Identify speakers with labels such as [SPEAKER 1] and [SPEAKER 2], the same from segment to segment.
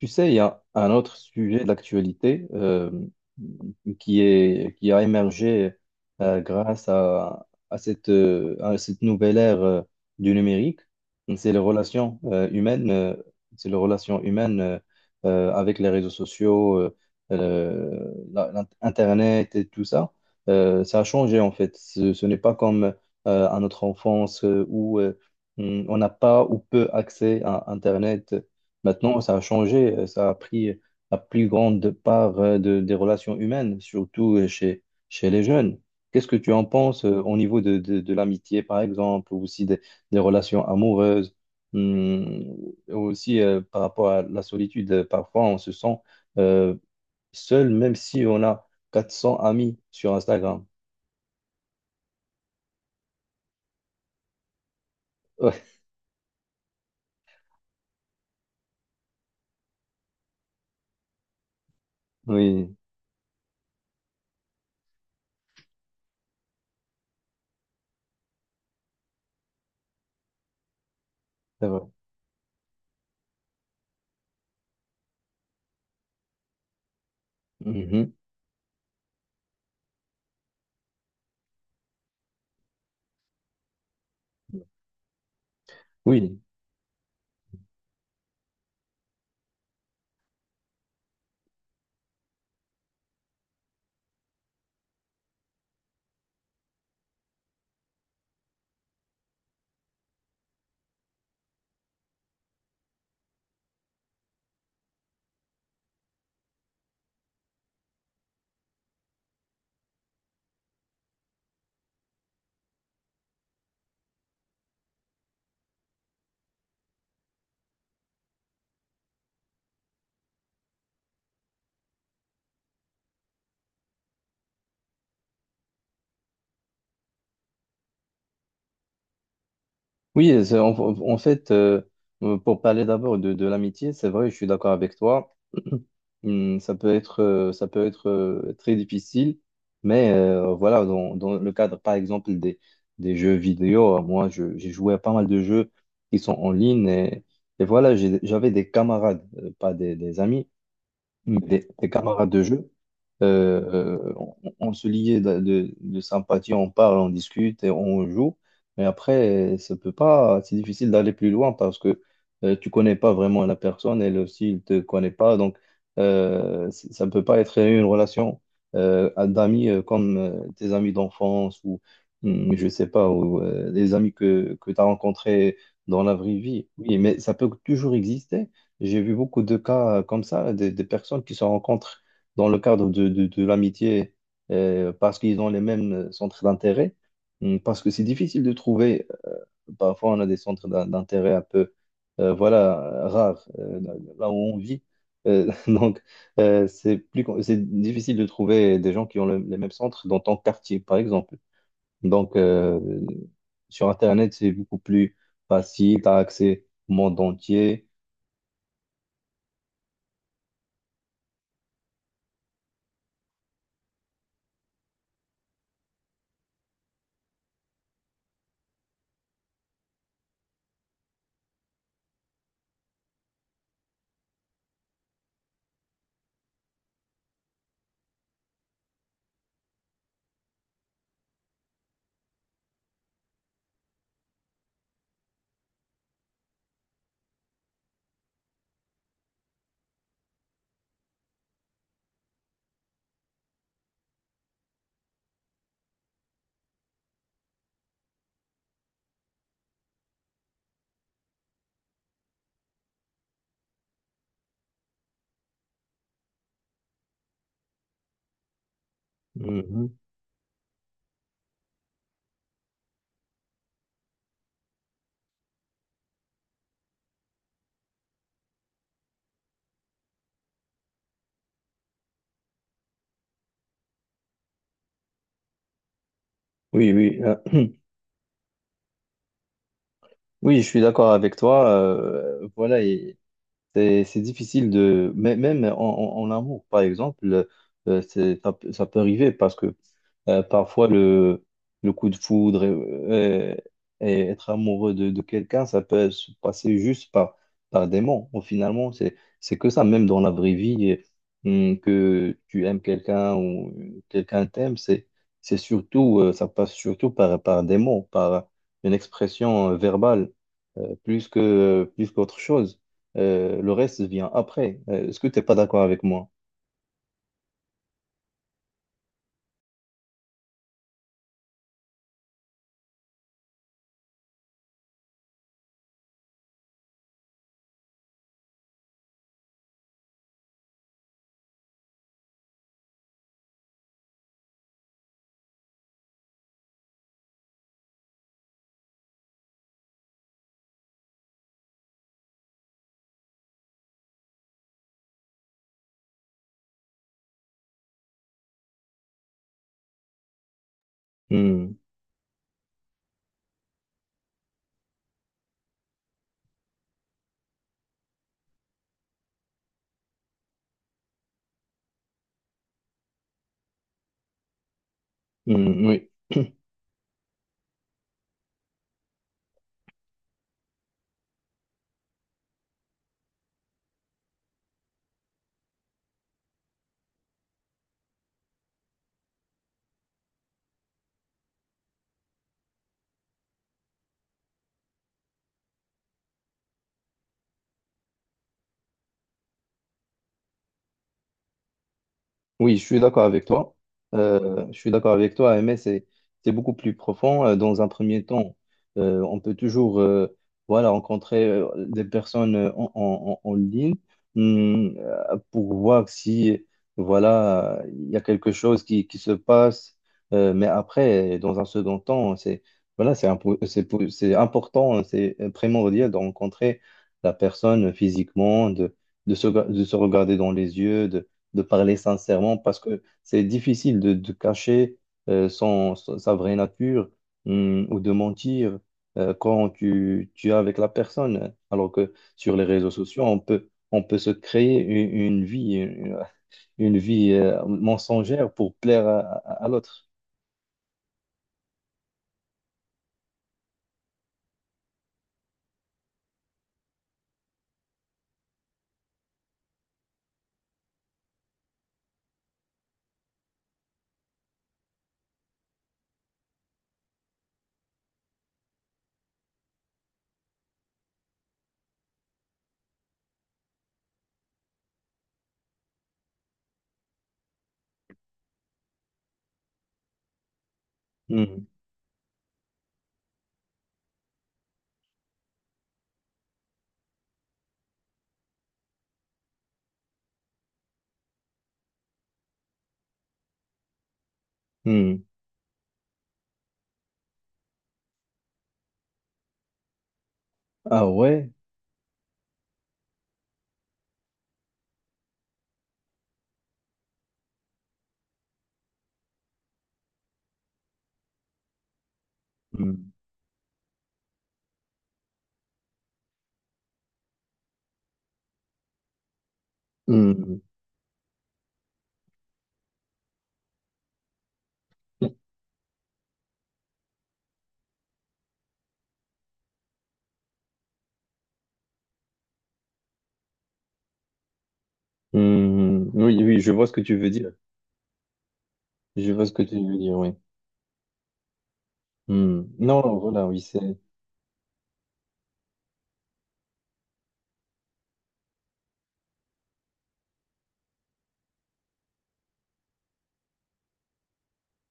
[SPEAKER 1] Tu sais, il y a un autre sujet d'actualité qui a émergé grâce à cette nouvelle ère du numérique. C'est les relations humaines, c'est les relations humaines euh, avec les réseaux sociaux, Internet et tout ça. Ça a changé en fait. Ce n'est pas comme à notre enfance où on n'a pas ou peu accès à Internet. Maintenant, ça a changé, ça a pris la plus grande part des relations humaines, surtout chez les jeunes. Qu'est-ce que tu en penses au niveau de l'amitié, par exemple, ou aussi des relations amoureuses, hum, aussi par rapport à la solitude, parfois on se sent euh, seul, même si on a 400 amis sur Instagram. Oui, c'est vrai. Mhm. Oui. Oui, c'est- en, en fait, euh, pour parler d'abord de l'amitié, c'est vrai, je suis d'accord avec toi. Ça peut être très difficile, mais voilà, dans le cadre, par exemple, des jeux vidéo, moi, j'ai joué à pas mal de jeux qui sont en ligne et voilà, j'avais des camarades, euh, pas des amis, mais des camarades de jeu, euh, on se liait de sympathie, on parle, on discute et on joue. Mais après, ça peut pas, c'est difficile d'aller plus loin parce que tu connais pas vraiment la personne, elle aussi, elle te connaît pas. Donc, ça ne peut pas être une relation d'amis comme tes amis d'enfance ou, je sais pas, ou les amis que tu as rencontrés dans la vraie vie. Oui, mais ça peut toujours exister. J'ai vu beaucoup de cas comme ça, des personnes qui se rencontrent dans le cadre de l'amitié parce qu'ils ont les mêmes centres d'intérêt. Parce que c'est difficile de trouver, parfois on a des centres d'intérêt un peu, voilà, rares, là où on vit. Donc, c'est difficile de trouver des gens qui ont les mêmes centres dans ton quartier, par exemple. Donc, sur Internet, c'est beaucoup plus facile, tu as accès au monde entier. Hmm. Oui, oui, oui, je suis d'accord avec toi. Voilà, c'est difficile de. Même en amour, par exemple, ça peut arriver parce que parfois le coup de foudre et être amoureux de quelqu'un, ça peut se passer juste par, par des mots. Bon, finalement, c'est que ça, même dans la vraie vie, et, que tu aimes quelqu'un ou quelqu'un t'aime, c'est surtout, ça passe surtout par, par des mots, par une expression verbale, euh, plus qu'autre chose. Le reste vient après. Est-ce que tu n'es pas d'accord avec moi? Hmm, hmm, oui. Oui, je suis d'accord avec toi. Je suis d'accord avec toi, mais c'est beaucoup plus profond. Dans un premier temps, on peut toujours voilà, rencontrer des personnes en ligne, pour voir si voilà, il y a quelque chose qui se passe. Mais après, dans un second temps, c'est voilà, c'est important, c'est primordial de rencontrer la personne physiquement, de se regarder dans les yeux, de parler sincèrement parce que c'est difficile de cacher euh, sa vraie nature, ou de mentir quand tu es avec la personne. Alors que sur les réseaux sociaux, on peut se créer une vie, une, une vie mensongère pour plaire à l'autre. Hum, hum. Ah ouais? Hum, hum. Hmm, oui, oui, je vois ce que tu veux dire. Je vois ce que tu veux dire, oui. Hmm. Non, non, voilà, oui, c'est...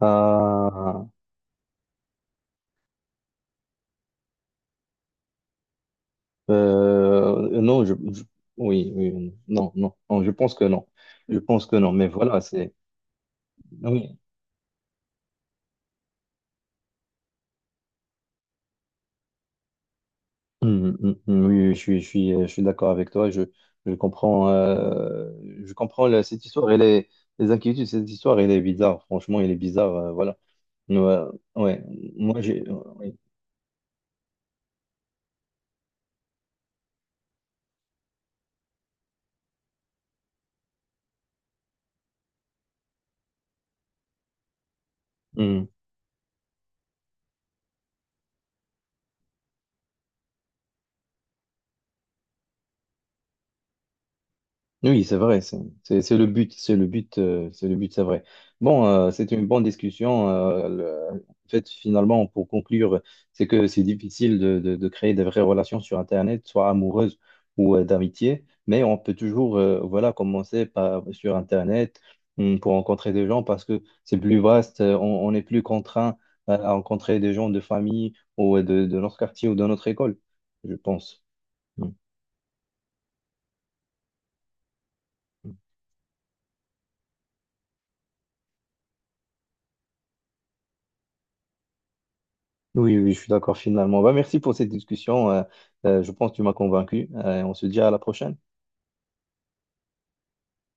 [SPEAKER 1] Ah, euh, non, oui, oui, non, non, non, je pense que non. Je pense que non, mais voilà, c'est. Oui. Mm, mm, mm, oui, oui, je suis d'accord avec toi. Je comprends, cette histoire. Elle est, les inquiétudes, cette histoire, elle est bizarre. Franchement, elle est bizarre. Voilà. Ouais, ouais. Moi, j'ai. Ouais. Oui, c'est vrai, c'est le but, c'est le but, c'est le but, c'est vrai. Bon, c'est une bonne discussion. Finalement, pour conclure, c'est que c'est difficile de créer des vraies relations sur Internet, soit amoureuses ou d'amitié, mais on peut toujours, voilà, commencer sur Internet, pour rencontrer des gens parce que c'est plus vaste, on est plus contraint à rencontrer des gens de famille ou de notre quartier ou de notre école, je pense. Hum. Oui, oui, je suis d'accord finalement. Bah, merci pour cette discussion. Je pense que tu m'as convaincu. On se dit à la prochaine.